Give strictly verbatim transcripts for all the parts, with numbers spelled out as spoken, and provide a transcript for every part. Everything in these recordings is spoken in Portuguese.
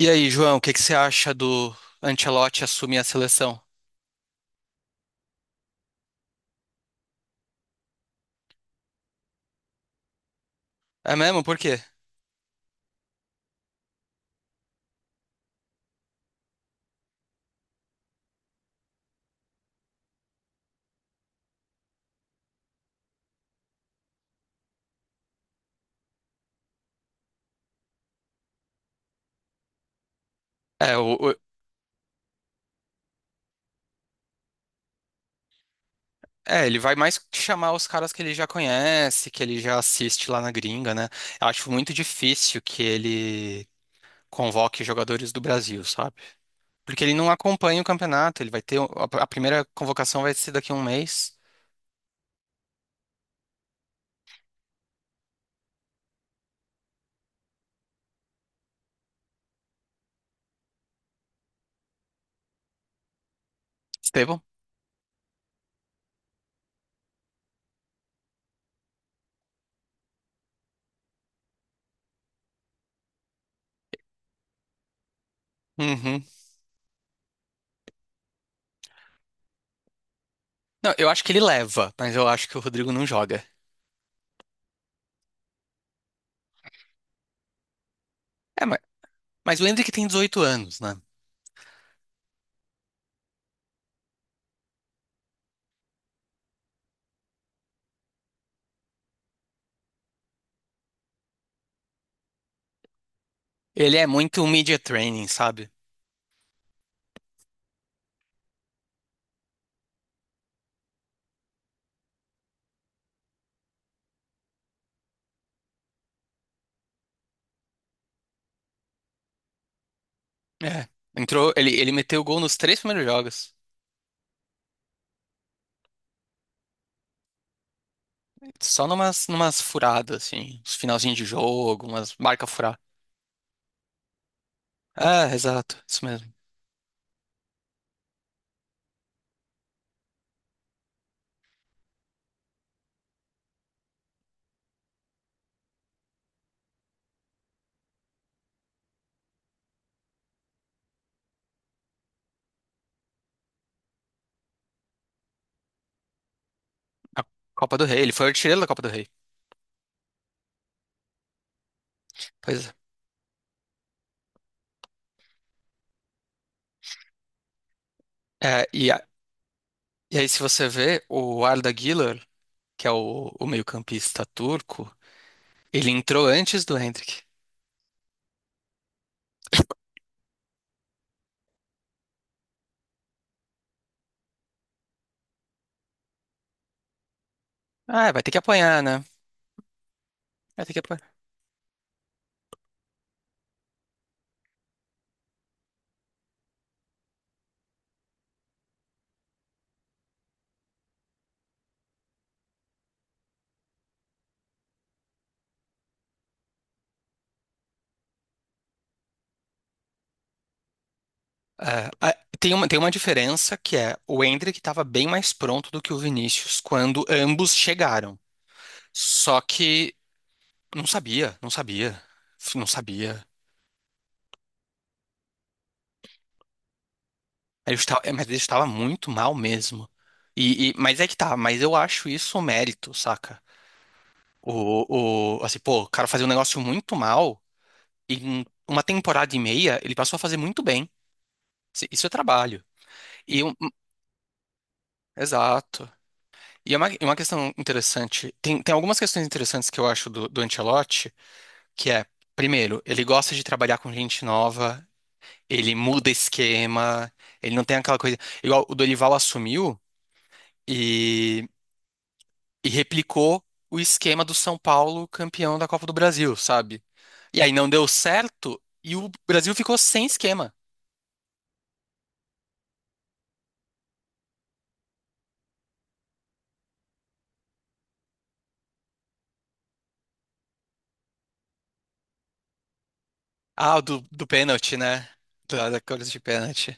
E aí, João, o que que você acha do Ancelotti assumir a seleção? É mesmo? Por quê? É, o- o- é, ele vai mais chamar os caras que ele já conhece, que ele já assiste lá na gringa, né? Eu acho muito difícil que ele convoque jogadores do Brasil, sabe? Porque ele não acompanha o campeonato, ele vai ter. A a primeira convocação vai ser daqui a um mês. Estevão? Uhum. Não, eu acho que ele leva, mas eu acho que o Rodrigo não joga. É, mas, mas lembre que tem dezoito anos, né? Ele é muito media training, sabe? É. Entrou, ele, ele meteu gol nos três primeiros jogos. Só numas, numas furadas, assim. Uns finalzinhos de jogo, umas marca furar. É, exato. Isso mesmo. A Copa do Rei. Ele foi o artilheiro da Copa do Rei. Pois é. É, e, a- e aí, se você vê, o Arda Güler, que é o, o meio-campista turco, ele entrou antes do Hendrick. Ah, vai ter que apanhar, né? Vai ter que apanhar. É, a- tem uma, tem uma diferença que é o Hendrick estava bem mais pronto do que o Vinícius quando ambos chegaram. Só que Não sabia, não sabia, não sabia. Ele estava, é, mas ele estava muito mal mesmo. E, e- mas é que tá, mas eu acho isso um mérito, saca? O, o, assim, pô, o cara fazia um negócio muito mal e em uma temporada e meia ele passou a fazer muito bem. Isso isso é trabalho. E um- Exato. E é uma, é uma questão interessante. Tem, tem algumas questões interessantes que eu acho do, do Ancelotti, que é, primeiro, ele gosta de trabalhar com gente nova. Ele muda esquema, ele não tem aquela coisa. Igual o Dorival assumiu e, e replicou o esquema do São Paulo campeão da Copa do Brasil, sabe? E aí não deu certo e o Brasil ficou sem esquema. Ah, o do, do pênalti, né? Da, da coisa de pênalti.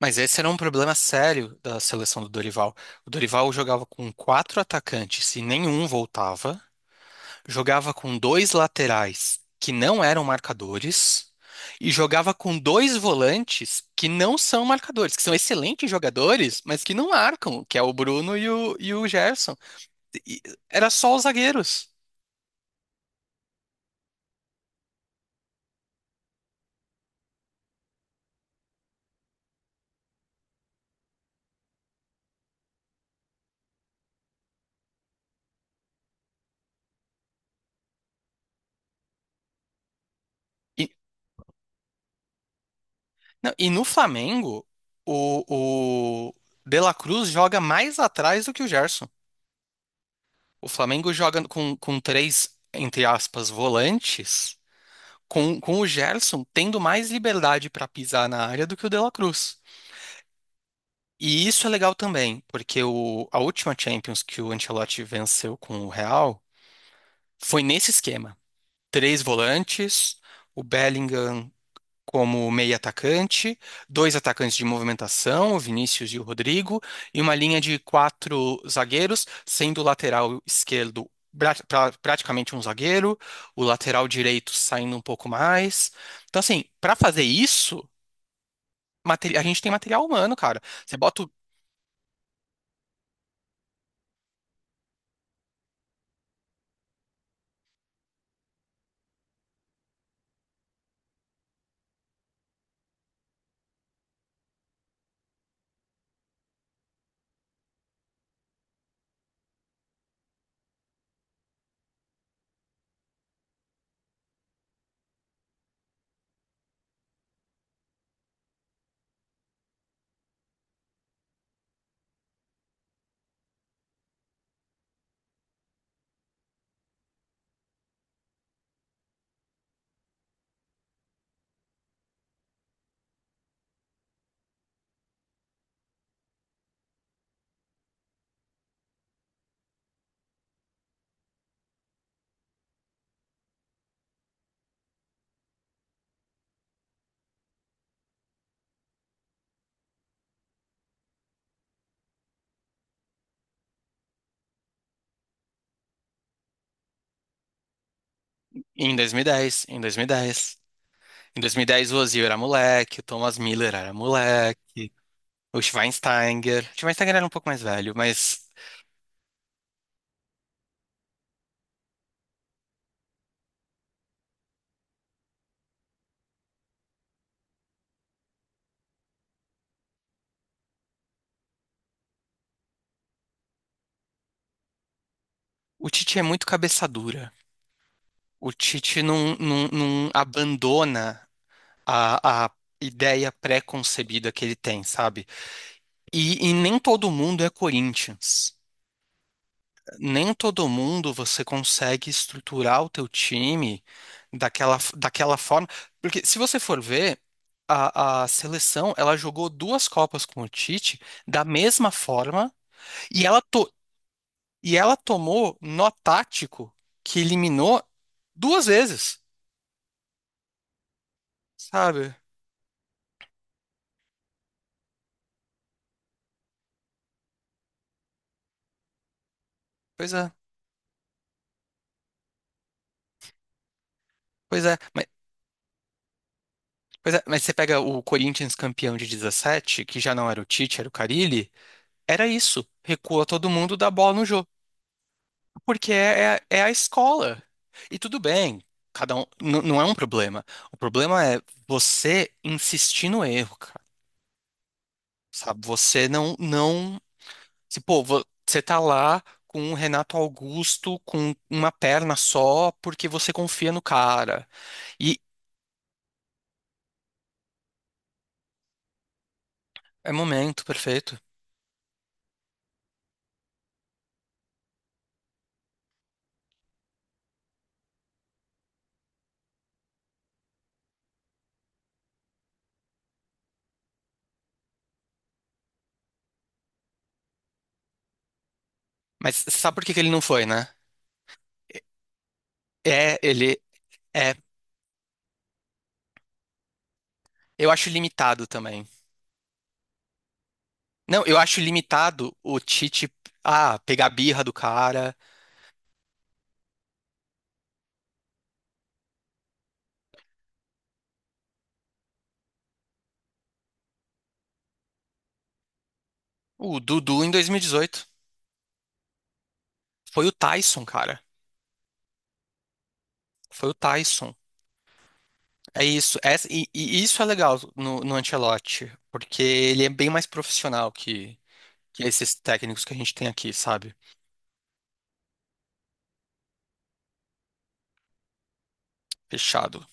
Mas esse era um problema sério da seleção do Dorival. O Dorival jogava com quatro atacantes e nenhum voltava. Jogava com dois laterais que não eram marcadores e jogava com dois volantes que não são marcadores, que são excelentes jogadores, mas que não marcam, que é o Bruno e o, e o Gerson. E- Era só os zagueiros. E, não, e no Flamengo, o, o De La Cruz joga mais atrás do que o Gerson. O Flamengo joga com, com três, entre aspas, volantes. Com, com o Gerson tendo mais liberdade para pisar na área do que o De La Cruz. E isso é legal também, porque o, a última Champions que o Ancelotti venceu com o Real foi nesse esquema. Três volantes, o Bellingham como meio atacante, dois atacantes de movimentação, o Vinícius e o Rodrigo, e uma linha de quatro zagueiros, sendo o lateral esquerdo pra- pra- praticamente um zagueiro, o lateral direito saindo um pouco mais. Então, assim, para fazer isso, materi- a gente tem material humano, cara. Você bota em dois mil e dez, em dois mil e dez. Em dois mil e dez o Ozil era moleque, o Thomas Miller era moleque, o Schweinsteiger. O Schweinsteiger era um pouco mais velho, mas o Tite é muito cabeça dura. O Tite não, não, não abandona a, a ideia pré-concebida que ele tem, sabe? E, e nem todo mundo é Corinthians. Nem todo mundo você consegue estruturar o teu time daquela, daquela forma. Porque se você for ver, a, a seleção ela jogou duas Copas com o Tite da mesma forma e ela, to, e ela tomou nó tático que eliminou duas vezes, sabe? Pois é, pois é. Mas, pois é, mas você pega o Corinthians campeão de dezessete, que já não era o Tite, era o Carille, era isso. Recua todo mundo, dá bola no jogo. Porque é, é, é a escola. E tudo bem, cada um n- não é um problema. O problema é você insistir no erro, cara. Sabe? Você não não, Se, pô, vo- você tá lá com o Renato Augusto com uma perna só porque você confia no cara. E é momento perfeito. Mas sabe por que que ele não foi, né? É, é, ele é, eu acho limitado também. Não, eu acho limitado o Tite, ah, pegar a birra do cara. O Dudu em dois mil e dezoito. Foi o Tyson, cara. Foi o Tyson. É isso. Essa- e, e isso é legal no, no Ancelotti, porque ele é bem mais profissional que, que esses técnicos que a gente tem aqui, sabe? Fechado.